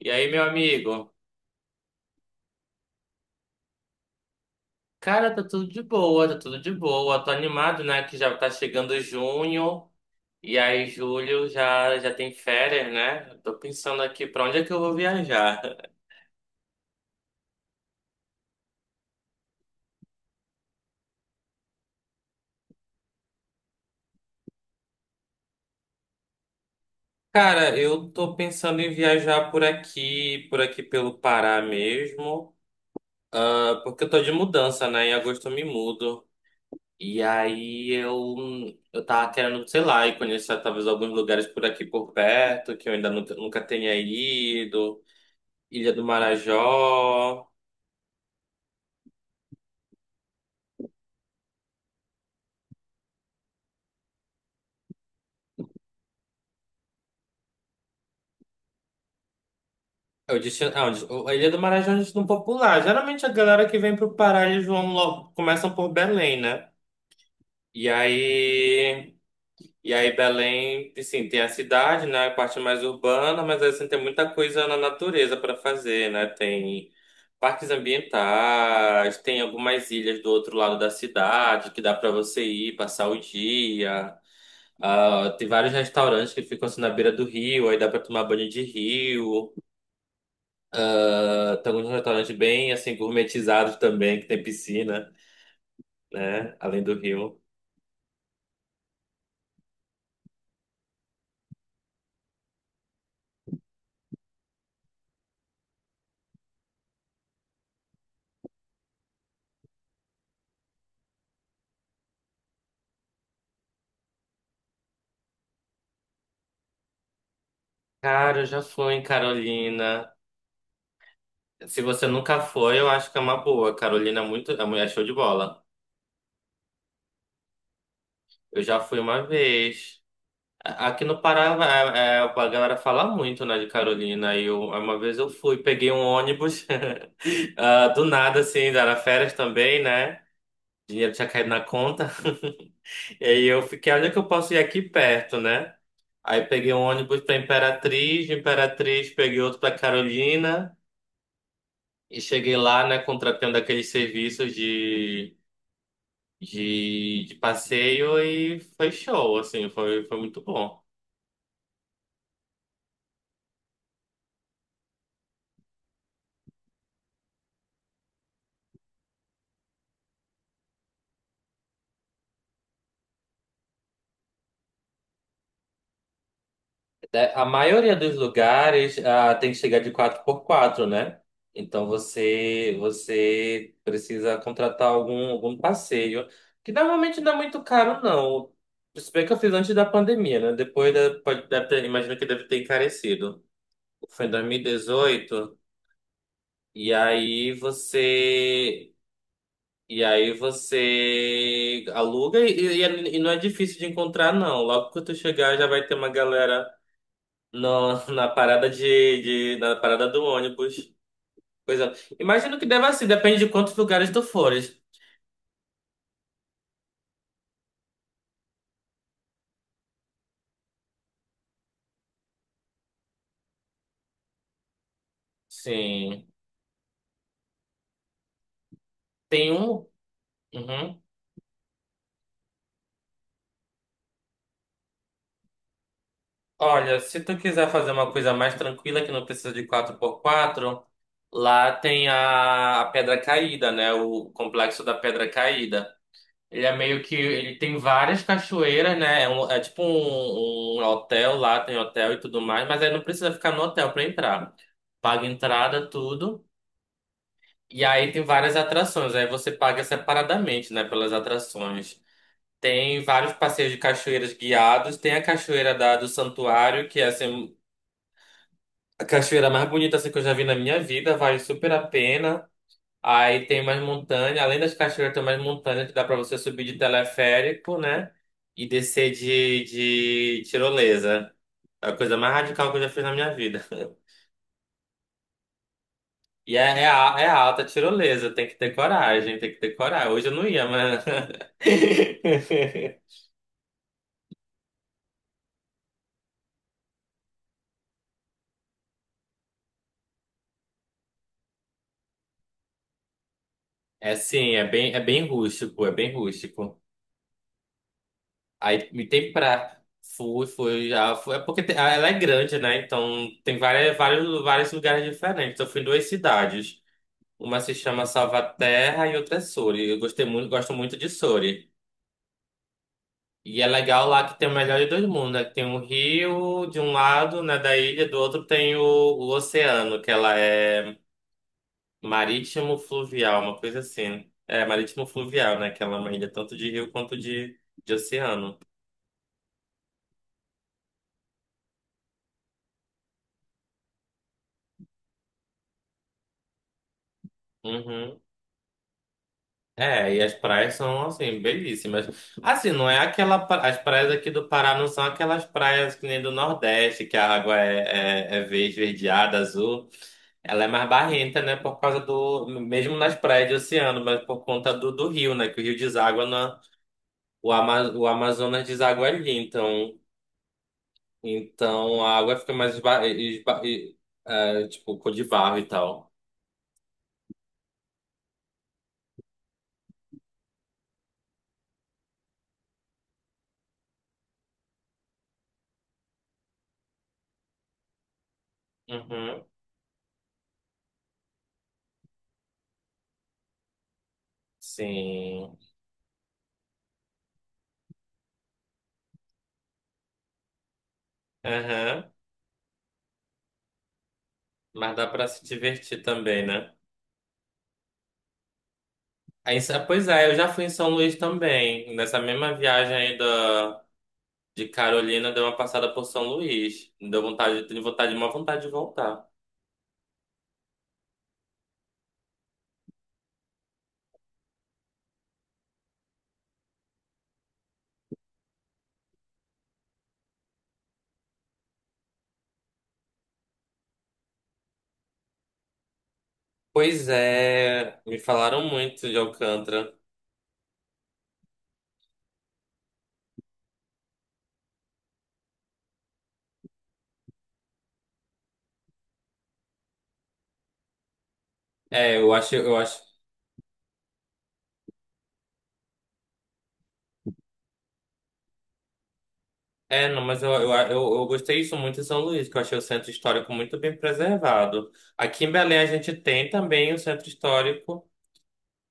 E aí, meu amigo? Cara, tá tudo de boa, tá tudo de boa. Tô animado, né? Que já tá chegando junho. E aí, julho já tem férias, né? Tô pensando aqui pra onde é que eu vou viajar. Cara, eu tô pensando em viajar por aqui, pelo Pará mesmo. Ah, porque eu tô de mudança, né? Em agosto eu me mudo. E aí eu tava querendo, sei lá, ir conhecer talvez alguns lugares por aqui por perto, que eu ainda nunca tenha ido. Ilha do Marajó. Eu disse, ah, a Ilha do Marajó é um destino popular. Geralmente a galera que vem pro Pará, eles vão logo, começam por Belém, né? E aí, e aí Belém, assim, tem a cidade, né, a parte mais urbana, mas assim tem muita coisa na natureza para fazer, né? Tem parques ambientais, tem algumas ilhas do outro lado da cidade que dá para você ir passar o dia. Ah, tem vários restaurantes que ficam assim na beira do rio, aí dá para tomar banho de rio. Ah, estamos num restaurante bem assim gourmetizado também, que tem piscina, né? Além do rio. Cara, eu já fui em Carolina. Se você nunca foi, eu acho que é uma boa. Carolina é muito, é mulher show de bola. Eu já fui uma vez. Aqui no Pará, a galera fala muito, né, de Carolina. E eu, uma vez eu fui, peguei um ônibus, ah, do nada, assim, era férias também, né? Dinheiro tinha caído na conta. E aí eu fiquei, olha que eu posso ir aqui perto, né? Aí peguei um ônibus para Imperatriz, de Imperatriz peguei outro para Carolina e cheguei lá, né, contratando aqueles serviços de passeio e foi show, assim, foi muito bom. É, a maioria dos lugares ah, tem que chegar de quatro por quatro, né? Então você precisa contratar algum passeio, que normalmente não é muito caro, não. Se bem que eu fiz antes da pandemia, né? Depois da, imagino que deve ter encarecido. Foi em 2018 e aí você. E aí você aluga e não é difícil de encontrar, não. Logo que tu chegar, já vai ter uma galera no, na parada na parada do ônibus. Pois é. Imagino que deva ser, depende de quantos lugares tu fores. Sim. Tem um. Uhum. Olha, se tu quiser fazer uma coisa mais tranquila que não precisa de quatro por quatro, lá tem a Pedra Caída, né? O complexo da Pedra Caída. Ele é meio que. Ele tem várias cachoeiras, né? É, é tipo um hotel lá, tem hotel e tudo mais, mas aí não precisa ficar no hotel pra entrar. Paga entrada, tudo. E aí tem várias atrações, aí você paga separadamente, né, pelas atrações. Tem vários passeios de cachoeiras guiados, tem a cachoeira do Santuário, que é assim, a cachoeira mais bonita assim, que eu já vi na minha vida, vale super a pena. Aí tem mais montanha, além das cachoeiras tem mais montanha que dá pra você subir de teleférico, né, e descer de, tirolesa. É a coisa mais radical que eu já fiz na minha vida. E é alta tirolesa, tem que ter coragem, tem que ter coragem. Hoje eu não ia, mas. É sim, é bem rústico, é bem rústico. Aí me tem pra. Fui, fui, já fui. É porque ela é grande, né? Então tem várias, vários lugares diferentes. Eu fui em duas cidades. Uma se chama Salvaterra e outra é Sori. Eu gostei muito, gosto muito de Sori. E é legal lá que tem o melhor de dois mundos, né? Que tem o rio de um lado, né, da ilha, do outro tem o oceano, que ela é marítimo fluvial, uma coisa assim. É, marítimo fluvial, né? Que ela é uma ilha tanto de rio quanto de oceano. Uhum. É, e as praias são, assim, belíssimas. Assim, não é aquela. As praias aqui do Pará não são aquelas praias que nem do Nordeste, que a água é, é verde, verdeada, azul. Ela é mais barrenta, né? Por causa do. Mesmo nas praias de oceano, mas por conta do rio, né? Que o rio deságua na. O Amazonas deságua ali. Então, então a água fica mais. É, tipo, cor de barro e tal. Uhum. Sim. Aham. Mas dá pra se divertir também, né? Aí, pois é, eu já fui em São Luís também. Nessa mesma viagem aí de Carolina deu uma passada por São Luís. Me deu vontade, tenho vontade, uma vontade de voltar. Pois é, me falaram muito de Alcântara. Eu acho. É, não, mas eu gostei isso muito em São Luís, que eu achei o centro histórico muito bem preservado. Aqui em Belém a gente tem também o centro histórico,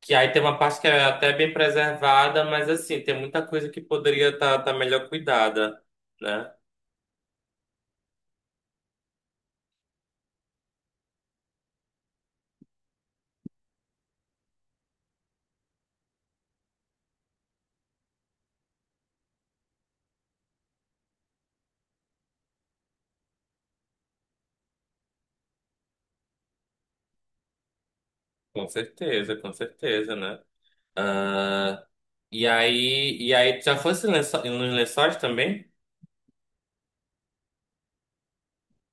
que aí tem uma parte que é até bem preservada, mas assim, tem muita coisa que poderia estar melhor cuidada, né? Com certeza, né? Ah, e aí, tu já nos lençóis também?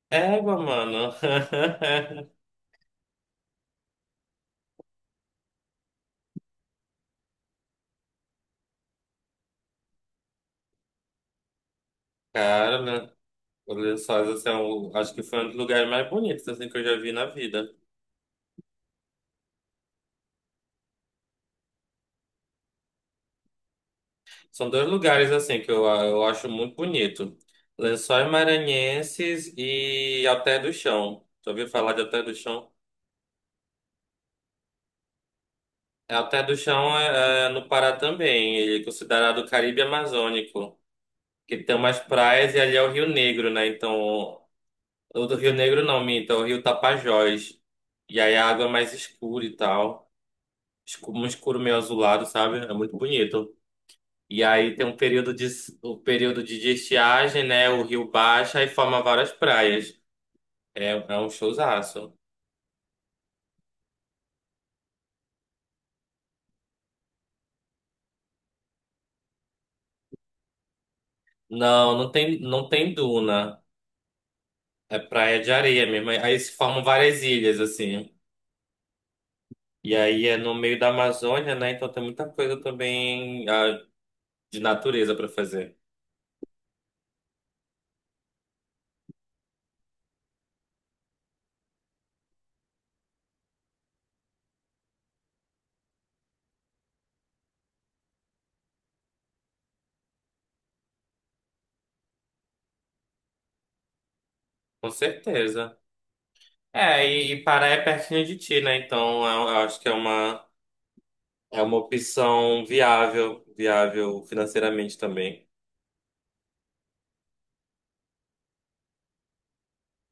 Égua, mano. Cara, né? Os lençóis, assim, acho que foi um dos lugares mais bonitos, assim, que eu já vi na vida. São dois lugares, assim, que eu acho muito bonito. Lençóis Maranhenses e Alter do Chão. Já ouviu falar de Alter do Chão? É, Alter do Chão é no Pará também. Ele é considerado o Caribe Amazônico. Que tem umas praias e ali é o Rio Negro, né? Então, o do Rio Negro não, minta, o Rio Tapajós. E aí a água é mais escura e tal. Um escuro meio azulado, sabe? É muito bonito. E aí tem um período de, o período de estiagem, né? O rio baixa e forma várias praias. É, é um showzaço. Não, não tem duna. É praia de areia mesmo. Aí se formam várias ilhas, assim. E aí é no meio da Amazônia, né? Então tem muita coisa também, ah, de natureza pra fazer. Com certeza. É, e Pará é pertinho de ti, né? Então eu acho que é uma opção viável, viável financeiramente também.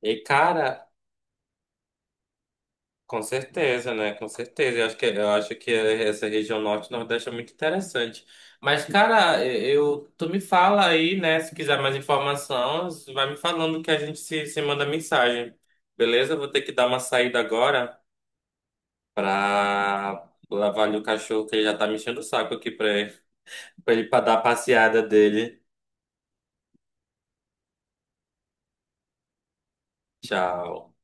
E cara, com certeza, né? Com certeza. Eu acho que essa região norte-nordeste é muito interessante. Mas, cara, eu, tu me fala aí, né? Se quiser mais informação, vai me falando que a gente se manda mensagem. Beleza? Eu vou ter que dar uma saída agora pra lavar ali o cachorro que ele já tá me enchendo o saco aqui pra pra ele pra dar a passeada dele. Tchau.